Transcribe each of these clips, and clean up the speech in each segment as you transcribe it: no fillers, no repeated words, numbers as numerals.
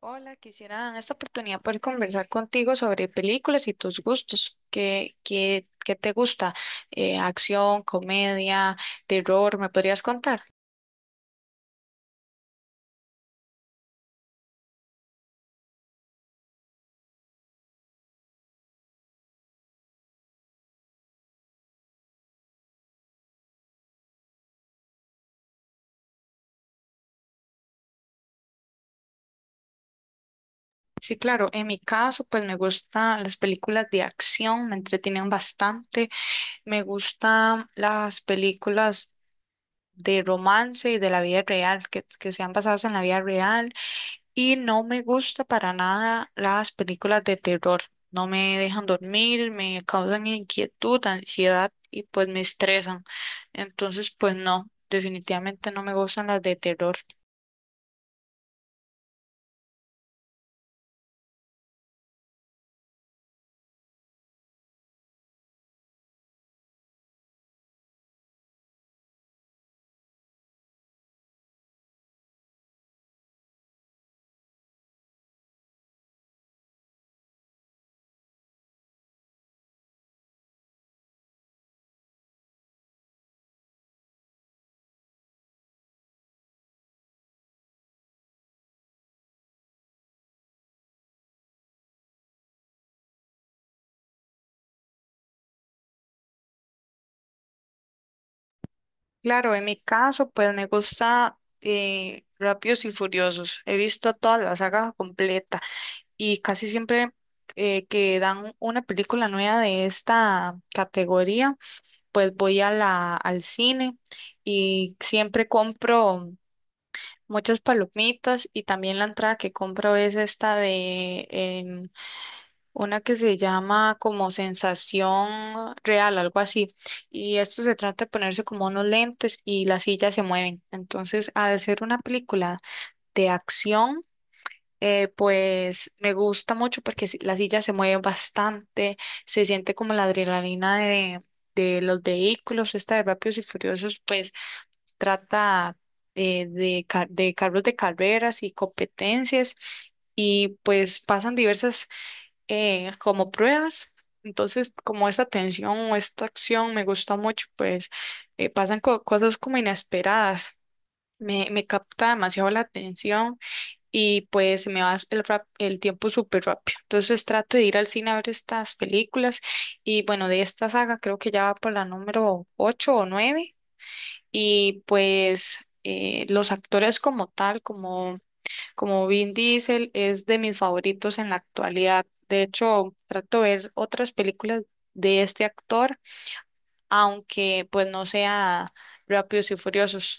Hola, quisiera en esta oportunidad poder conversar contigo sobre películas y tus gustos. ¿Qué te gusta? Acción, comedia, terror, ¿me podrías contar? Sí, claro, en mi caso, pues me gustan las películas de acción, me entretienen bastante. Me gustan las películas de romance y de la vida real, que sean basadas en la vida real. Y no me gusta para nada las películas de terror. No me dejan dormir, me causan inquietud, ansiedad y pues me estresan. Entonces, pues no, definitivamente no me gustan las de terror. Claro, en mi caso, pues me gusta Rápidos y Furiosos. He visto toda la saga completa y casi siempre que dan una película nueva de esta categoría, pues voy a al cine y siempre compro muchas palomitas, y también la entrada que compro es esta de una que se llama como sensación real, algo así. Y esto se trata de ponerse como unos lentes y las sillas se mueven. Entonces, al ser una película de acción, pues me gusta mucho porque las sillas se mueven bastante, se siente como la adrenalina de los vehículos. Esta de Rápidos y Furiosos, pues trata de carros de carreras y competencias, y pues pasan diversas como pruebas. Entonces, como esta tensión o esta acción me gusta mucho, pues pasan cosas como inesperadas. Me capta demasiado la atención, y pues se me va el tiempo súper rápido. Entonces trato de ir al cine a ver estas películas, y bueno, de esta saga creo que ya va por la número 8 o nueve. Y pues los actores como tal, como Vin Diesel, es de mis favoritos en la actualidad. De hecho, trato de ver otras películas de este actor, aunque pues no sea Rápidos y Furiosos.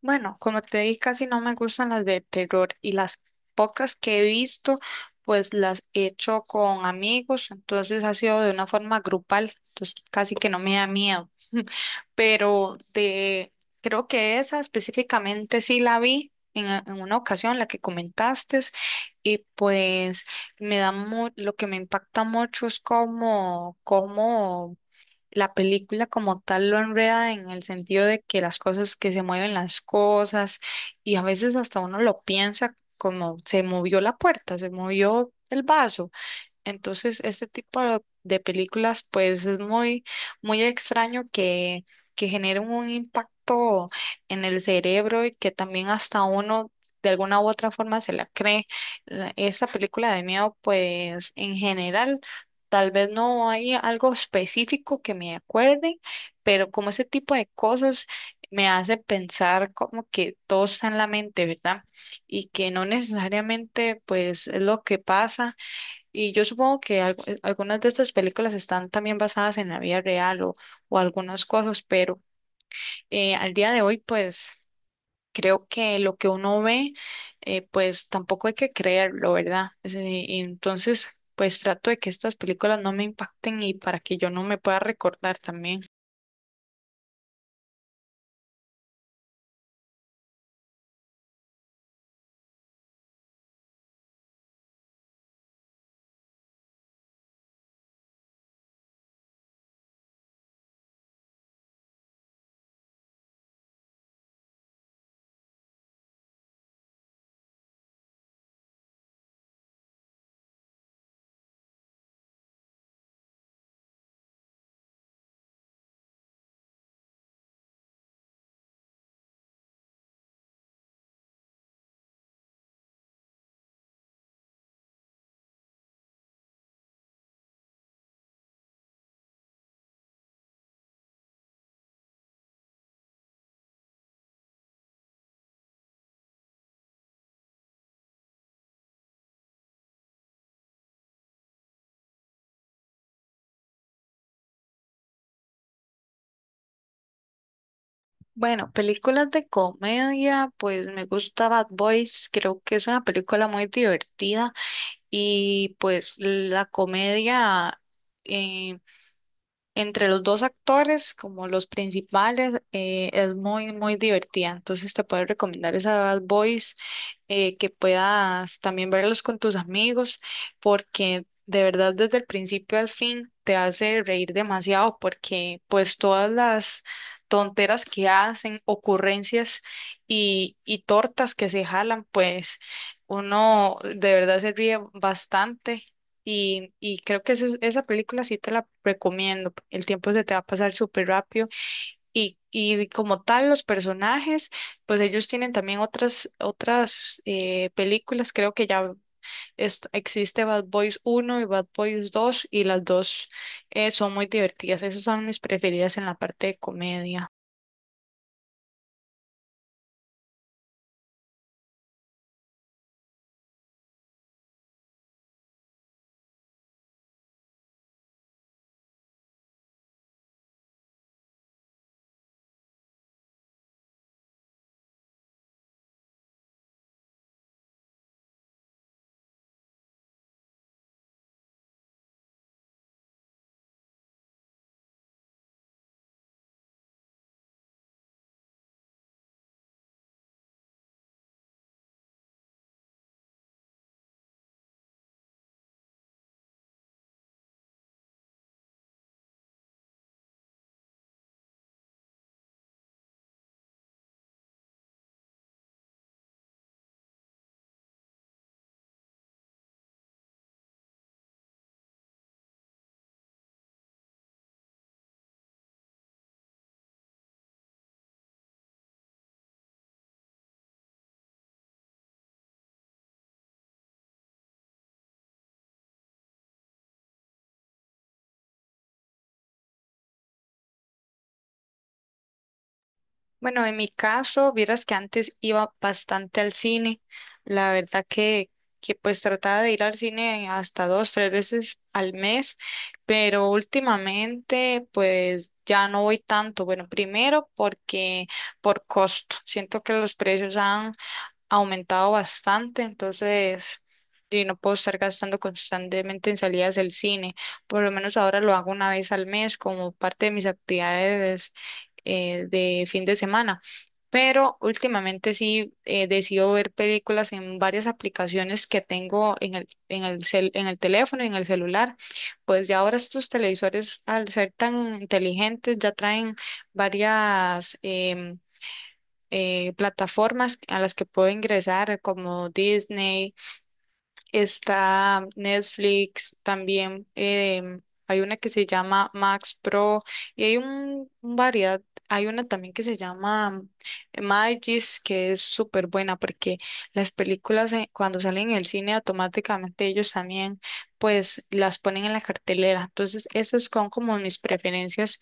Bueno, como te dije, casi no me gustan las de terror, y las pocas que he visto, pues las he hecho con amigos, entonces ha sido de una forma grupal, entonces casi que no me da miedo. Pero de, creo que esa específicamente sí la vi en una ocasión, la que comentaste, y pues lo que me impacta mucho es cómo la película como tal lo enreda, en el sentido de que las cosas, que se mueven las cosas, y a veces hasta uno lo piensa: como se movió la puerta, se movió el vaso. Entonces, este tipo de películas, pues es muy, muy extraño que generen un impacto en el cerebro, y que también hasta uno de alguna u otra forma se la cree. Esta película de miedo, pues en general, tal vez no hay algo específico que me acuerde, pero como ese tipo de cosas me hace pensar como que todo está en la mente, ¿verdad? Y que no necesariamente, pues, es lo que pasa. Y yo supongo que algunas de estas películas están también basadas en la vida real o algunas cosas, pero al día de hoy, pues creo que lo que uno ve, pues tampoco hay que creerlo, ¿verdad? Y entonces, pues trato de que estas películas no me impacten, y para que yo no me pueda recordar también. Bueno, películas de comedia, pues me gusta Bad Boys, creo que es una película muy divertida. Y pues la comedia eh, entre los dos actores, como los principales, es muy, muy divertida. Entonces te puedo recomendar esa, Bad Boys, que puedas también verlos con tus amigos, porque de verdad desde el principio al fin te hace reír demasiado, porque pues todas las tonteras que hacen, ocurrencias y tortas que se jalan, pues uno de verdad se ríe bastante. Y creo que esa película sí te la recomiendo. El tiempo se te va a pasar súper rápido. Y como tal, los personajes, pues ellos tienen también otras películas. Creo que ya existe Bad Boys uno y Bad Boys dos, y las dos son muy divertidas. Esas son mis preferidas en la parte de comedia. Bueno, en mi caso, vieras que antes iba bastante al cine. La verdad que pues trataba de ir al cine hasta dos, tres veces al mes, pero últimamente pues ya no voy tanto. Bueno, primero porque por costo. Siento que los precios han aumentado bastante, entonces, y no puedo estar gastando constantemente en salidas del cine. Por lo menos ahora lo hago una vez al mes como parte de mis actividades de fin de semana. Pero últimamente sí decido ver películas en varias aplicaciones que tengo en el teléfono y en el celular. Pues ya ahora estos televisores, al ser tan inteligentes, ya traen varias plataformas a las que puedo ingresar, como Disney, está Netflix, también hay una que se llama Max Pro, y hay un variedad, hay una también que se llama Magis, que es súper buena porque las películas cuando salen en el cine automáticamente ellos también pues las ponen en la cartelera. Entonces, esas son como mis preferencias.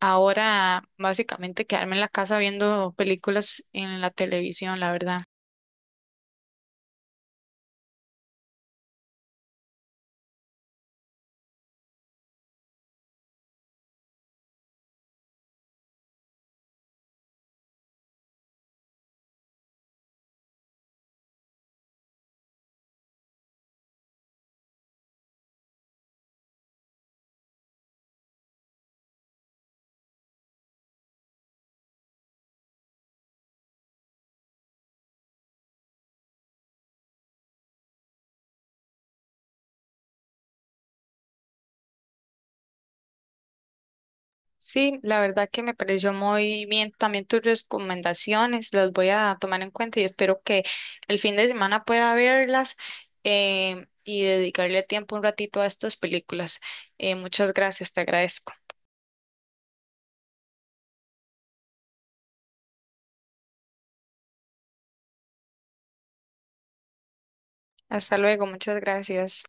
Ahora, básicamente, quedarme en la casa viendo películas en la televisión, la verdad. Sí, la verdad que me pareció muy bien también tus recomendaciones, las voy a tomar en cuenta, y espero que el fin de semana pueda verlas y dedicarle tiempo un ratito a estas películas. Muchas gracias, te agradezco. Hasta luego, muchas gracias.